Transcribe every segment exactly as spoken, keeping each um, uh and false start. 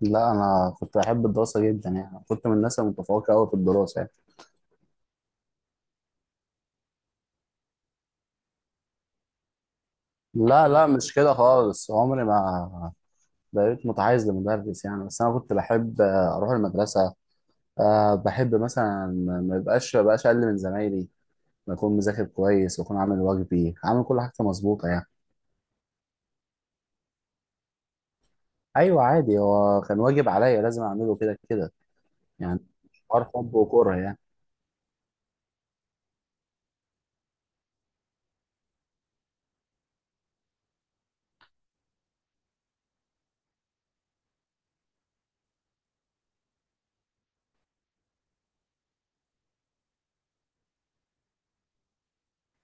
لا، انا كنت بحب الدراسه جدا، يعني كنت من الناس المتفوقه قوي في الدراسه يعني. لا، لا، مش كده خالص، عمري ما بقيت متحيز لمدرس يعني. بس انا كنت بحب آه، اروح المدرسه. آه، بحب مثلا ما يبقاش ما بقاش اقل من زمايلي، بكون مذاكر كويس واكون عامل واجبي، عامل كل حاجه مظبوطه يعني. ايوه عادي، هو كان واجب عليا لازم اعمله كده كده يعني. حوار حب وكره يعني.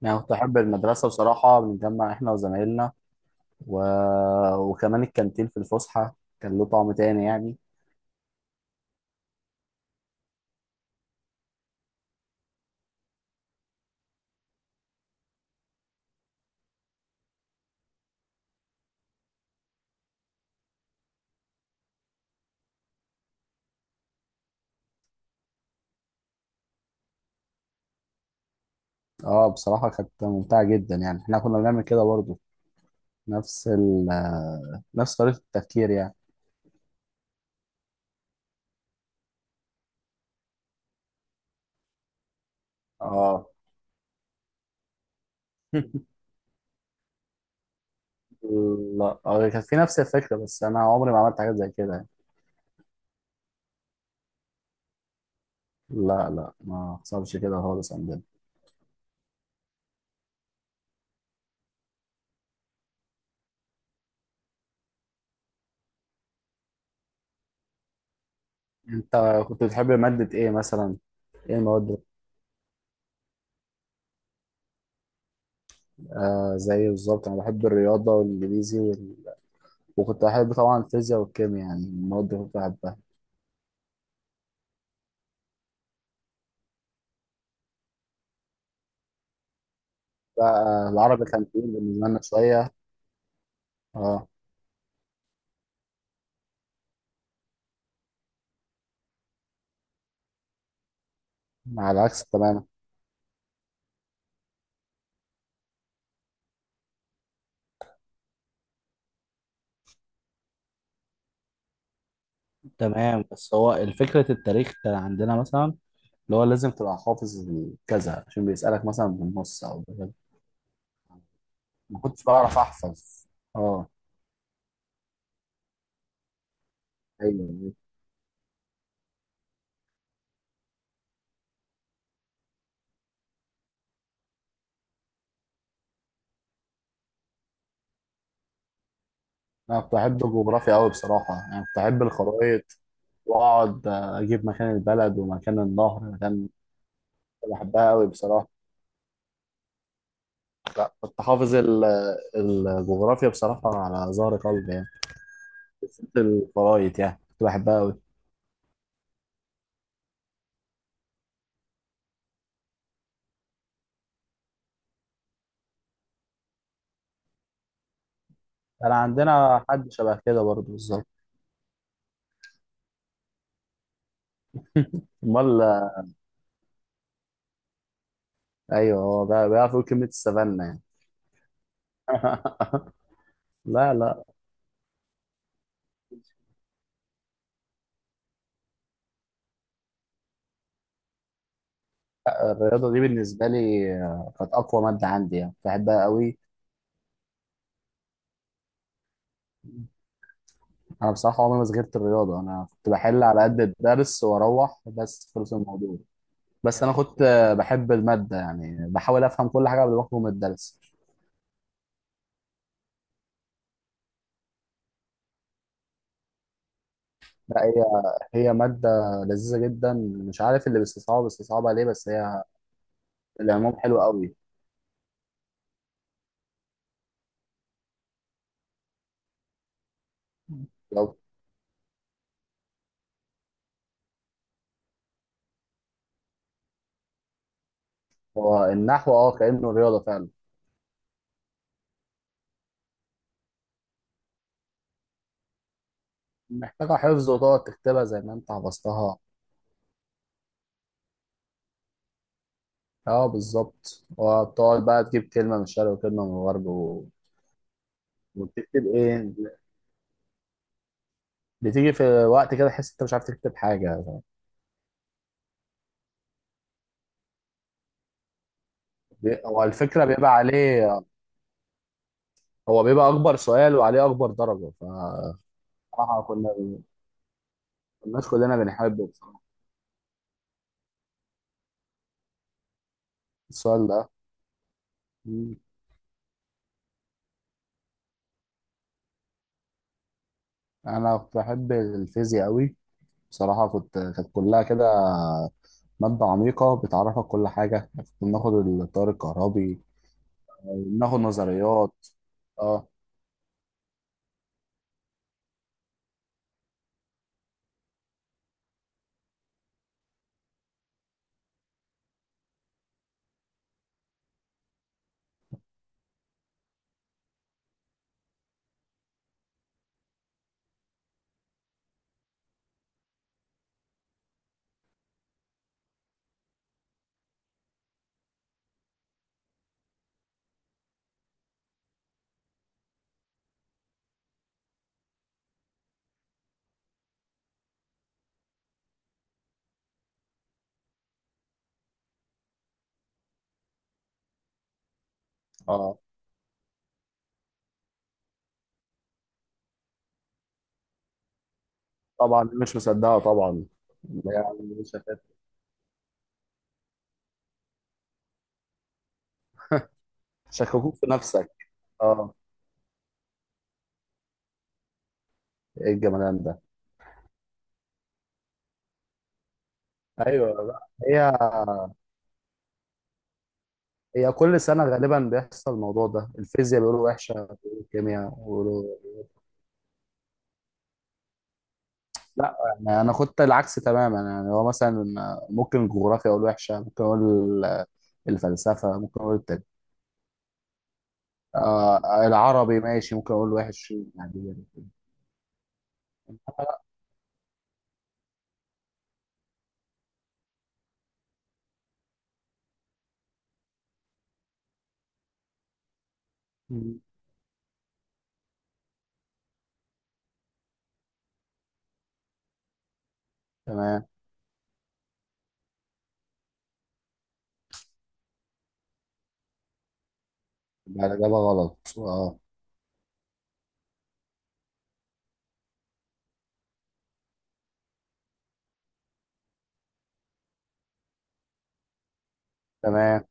يعني كنت احب المدرسه بصراحه، بنتجمع احنا وزمايلنا و... وكمان الكانتين في الفسحة كان له طعم تاني يعني. اه، بصراحة كانت ممتعة جدا، يعني احنا كنا بنعمل كده برضه، نفس ال آه، نفس طريقة التفكير يعني. اه لا، آه، كانت في نفس الفكرة، بس انا عمري ما عملت حاجات زي كده يعني. لا، لا، ما حصلش كده خالص عندنا. انت كنت بتحب مادة ايه مثلا؟ ايه المواد؟ آه زي بالظبط، انا بحب الرياضة والانجليزي وال... وكنت بحب طبعا الفيزياء والكيمياء، يعني المواد اللي كنت بحبها. لا، العربي كان تقيل بالنسبة لنا شوية. اه، على العكس تماما. تمام، بس هو الفكرة التاريخ كان عندنا مثلا اللي هو لازم تبقى حافظ كذا عشان بيسألك مثلا بالنص أو بكذا. ما كنتش بعرف أحفظ. اه، أيوه، أيوه. أنا كنت بحب الجغرافيا أوي بصراحة، يعني كنت بحب الخرايط وأقعد أجيب مكان البلد ومكان النهر مكان. كنت بحبها أوي بصراحة. لا، كنت حافظ ال- الجغرافيا بصراحة على ظهر قلبي يعني، بالذات الخرايط، يعني كنت بحبها أوي. كان عندنا حد شبه كده برضه بالظبط. امال. ايوه، هو بقى- بيعرف يقول كلمه السفانه يعني. لا، لا. الرياضه دي بالنسبه لي آه، كانت اقوى ماده عندي، يعني بحبها قوي. انا بصراحه عمري ما صغرت الرياضه، انا كنت بحل على قد الدرس واروح، بس خلص الموضوع. بس انا كنت آه، بحب الماده، يعني بحاول افهم كل حاجه قبل ما اخرج من الدرس. لا، هي هي ماده لذيذه جدا، مش عارف اللي بيستصعبها بيستصعبها ليه، بس هي العموم حلو قوي. لو- هو النحو اه كانه رياضه فعلا، محتاجة حفظ وتقعد تكتبها زي ما انت حفظتها. اه، بالظبط، وتقعد بقى تجيب كلمة من الشرق وكلمة من الغرب و... وبتكتب ايه؟ بتيجي في وقت كده تحس انت مش عارف تكتب حاجة. بي- هو الفكرة بيبقى عليه، هو بيبقى أكبر سؤال وعليه أكبر درجة، فبصراحة كنا الناس كلنا بنحبه بصراحة. السؤال ده. مم. أنا كنت بحب الفيزياء أوي بصراحة، كنت كانت كلها كده مادة عميقة بتعرفك كل حاجة، كنا بناخد التيار الكهربي، ناخد نظريات. اه، اه، طبعا مش مصدقه طبعا. يعني شك- شككوك في نفسك. اه، ايه الجمدان ده؟ ايوه، لا، هي هي كل سنه غالبا بيحصل الموضوع ده، الفيزياء بيقولوا وحشه، بيقولوا الكيمياء بيقولوا. لا، يعني انا خدت العكس تماما، يعني هو مثلا ممكن الجغرافيا اقول وحشه، ممكن اقول الفلسفه، ممكن اقول التاريخ. آه العربي ماشي ممكن اقول وحش يعني. مم. تمام. ده الاجابه غلط اه. تمام.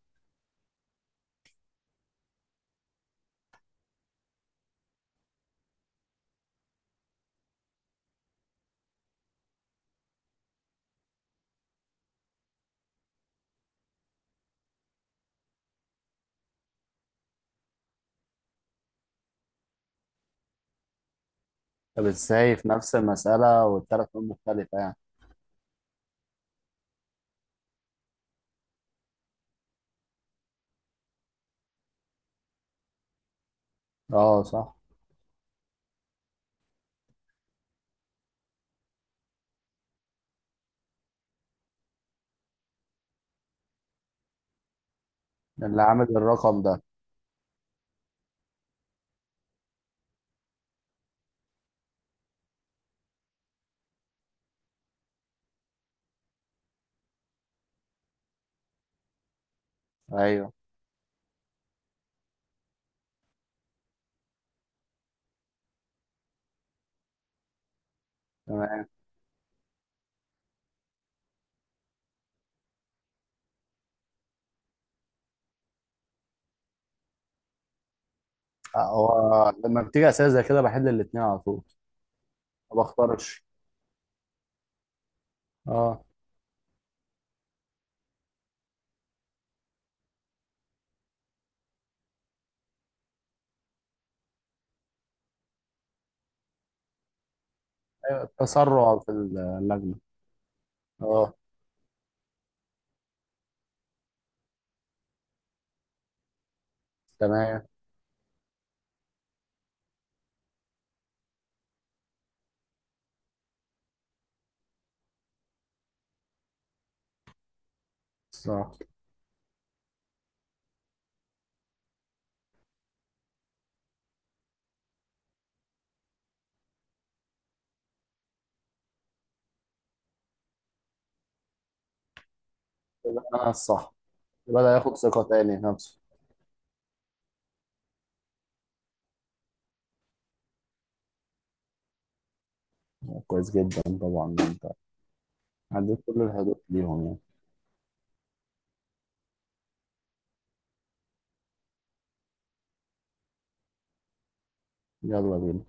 طب ازاي في نفس المسألة والثلاث نقط مختلفة يعني؟ اه، صح. اللي عامل الرقم ده. ايوه، تمام. آه، هو لما بتيجي اسئلة زي كده بحل الاتنين على طول. ما بختارش. اه، أيوة، التسرع في اللجنة. اه، تمام، صح، كده انا الصح. بدأ ياخد ثقة تاني في نفسه. كويس جدا، طبعا انت عديت كل الحدود ليهم يعني. يلا بينا.